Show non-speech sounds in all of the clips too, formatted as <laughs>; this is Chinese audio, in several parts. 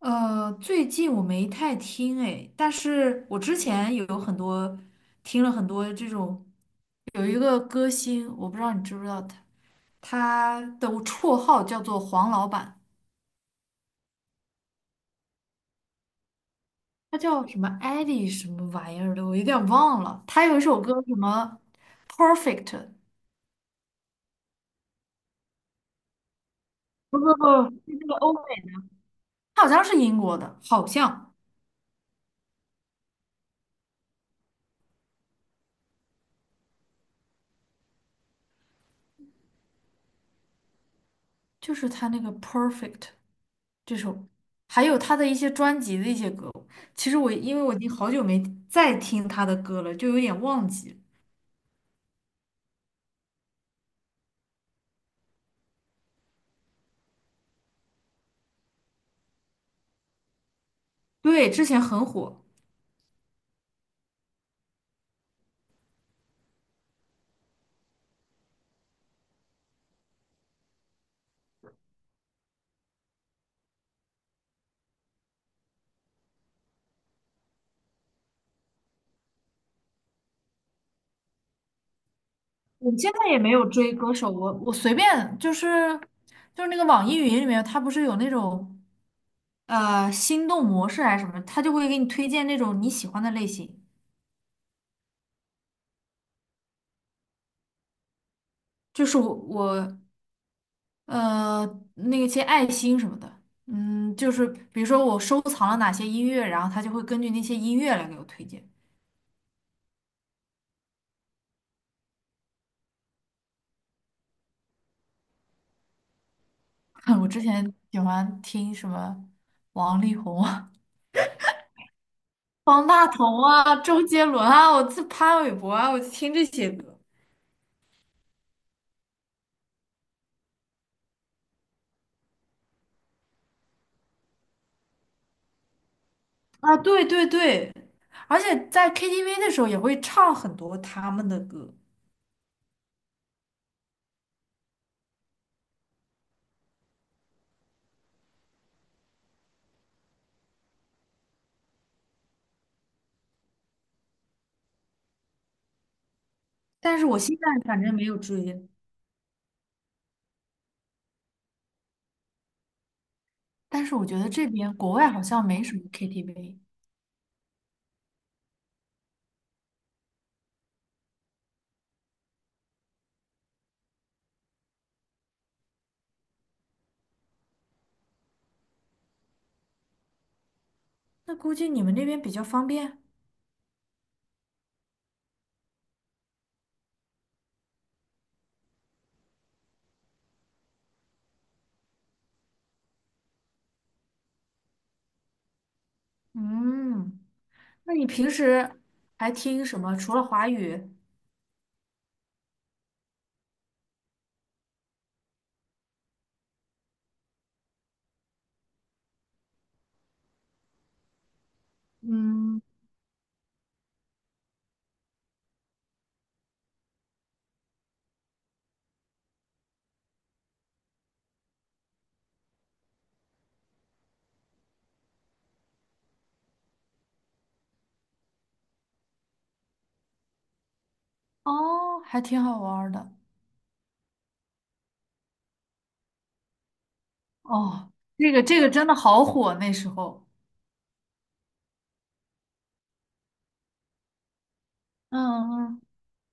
最近我没太听哎，但是我之前有很多听了很多这种，有一个歌星，我不知道你知不知道他，他的绰号叫做黄老板，他叫什么艾丽什么玩意儿的，我有点忘了。他有一首歌什么 Perfect，不，是那个欧美的，他好像是英国的，好像就是他那个 Perfect。这首，还有他的一些专辑的一些歌。其实我因为我已经好久没再听他的歌了，就有点忘记。对，之前很火，我现在也没有追歌手，我随便就是那个网易云里面，它不是有那种心动模式还是什么，它就会给你推荐那种你喜欢的类型。就是我呃那些爱心什么的，嗯，就是比如说我收藏了哪些音乐，然后它就会根据那些音乐来给我推荐。<laughs> 我之前喜欢听什么王力宏啊、<laughs> 方大同啊、周杰伦啊，我自潘玮柏啊，我就听这些歌啊。对对对，而且在 KTV 的时候也会唱很多他们的歌，但是我现在反正没有追。但是我觉得这边国外好像没什么 KTV，那估计你们那边比较方便。嗯，那你平时还听什么？除了华语，嗯，哦，还挺好玩儿的。哦，这个这个真的好火，那时候。嗯嗯，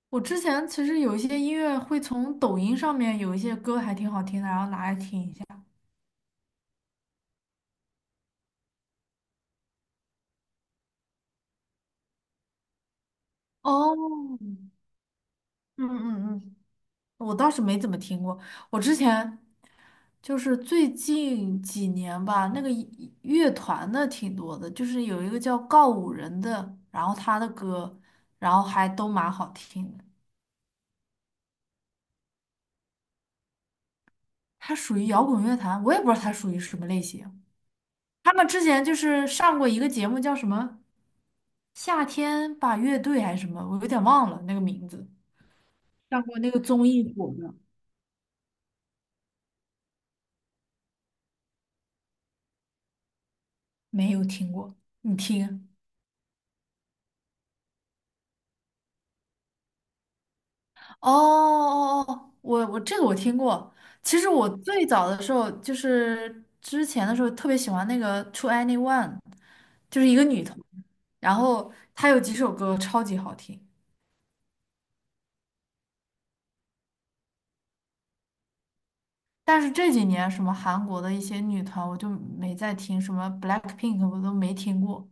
我之前其实有一些音乐会从抖音上面有一些歌还挺好听的，然后拿来听一下。哦，嗯嗯嗯，我倒是没怎么听过。我之前就是最近几年吧，那个一乐团的挺多的，就是有一个叫告五人的，然后他的歌，然后还都蛮好听的。他属于摇滚乐坛，我也不知道他属于什么类型。他们之前就是上过一个节目，叫什么《夏天吧乐队》还是什么，我有点忘了那个名字。上过那个综艺火的，没有听过。你听？哦哦哦，我这个我听过。其实我最早的时候，就是之前的时候，特别喜欢那个 To Anyone，就是一个女团，然后她有几首歌超级好听。但是这几年什么韩国的一些女团，我就没再听，什么 BLACKPINK 我都没听过。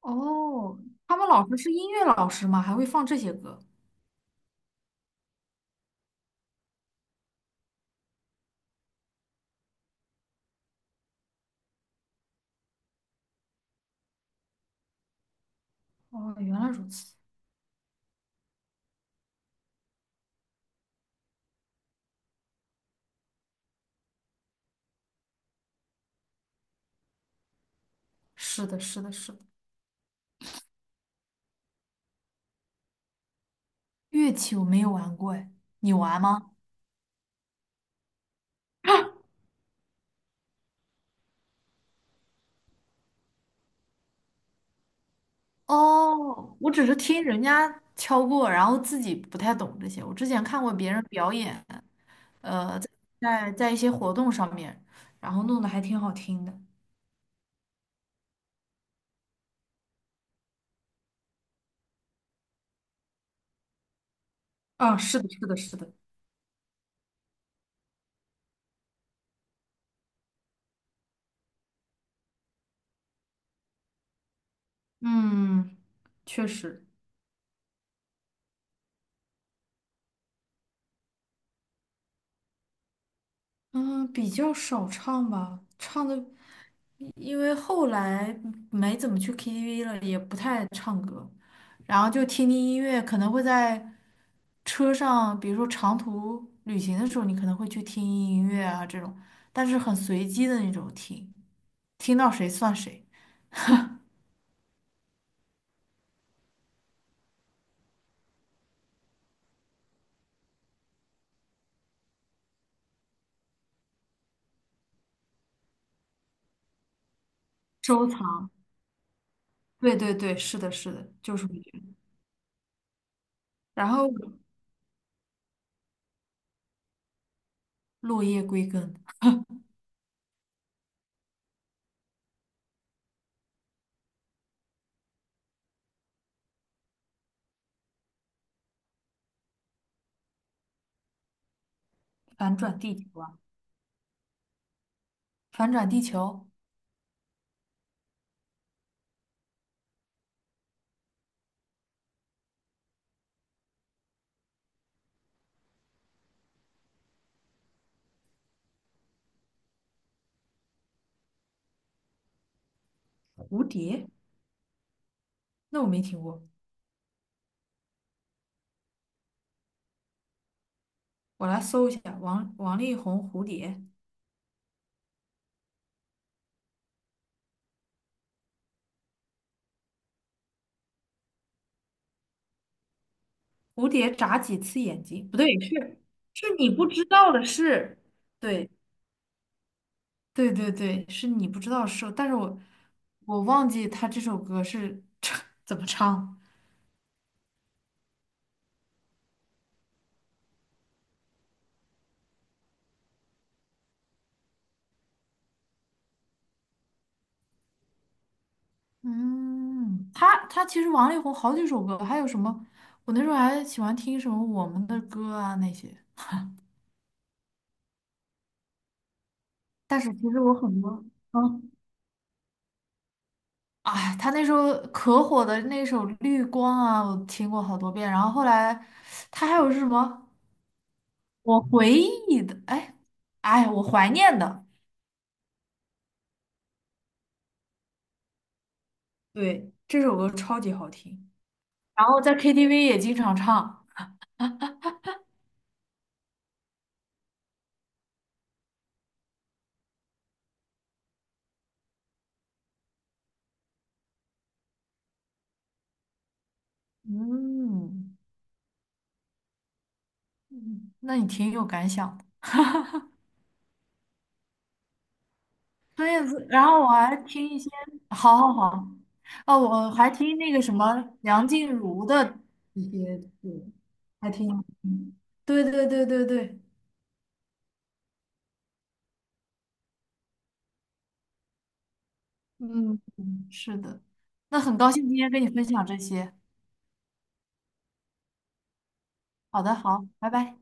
哦，他们老师是音乐老师吗？还会放这些歌？哦，原来如此。是的，是的，是的。乐器我没有玩过，哎，你玩吗？哦，我只是听人家敲过，然后自己不太懂这些。我之前看过别人表演，在在一些活动上面，然后弄得还挺好听的。啊，是的，是的，是的。嗯，确实。嗯，比较少唱吧，唱的。因为后来没怎么去 KTV 了，也不太唱歌，然后就听听音乐，可能会在车上，比如说长途旅行的时候，你可能会去听音乐啊这种，但是很随机的那种听，听到谁算谁，收藏。对对对，是的，是的，就是会这样然后落叶归根，反转地球啊，反转地球，蝴蝶，那我没听过，我来搜一下王力宏蝴蝶。蝴蝶眨几次眼睛？不对，是是你不知道的事。对对对对，是你不知道的事，但是我忘记他这首歌是 <laughs> 怎么唱。嗯，他其实王力宏好几首歌，还有什么？我那时候还喜欢听什么我们的歌啊那些。但是其实我很多，嗯，哎，他那时候可火的那首《绿光》啊，我听过好多遍。然后后来他还有是什么？我回忆的，哎，哎，我怀念的，对，这首歌超级好听。然后在 KTV 也经常唱。嗯，嗯那你挺有感想的。对，然后我还听一些，好好好，哦，我还听那个什么梁静茹的一些歌，还挺好听。对对对对对，嗯嗯是的，那很高兴今天跟你分享这些。好的，好，拜拜。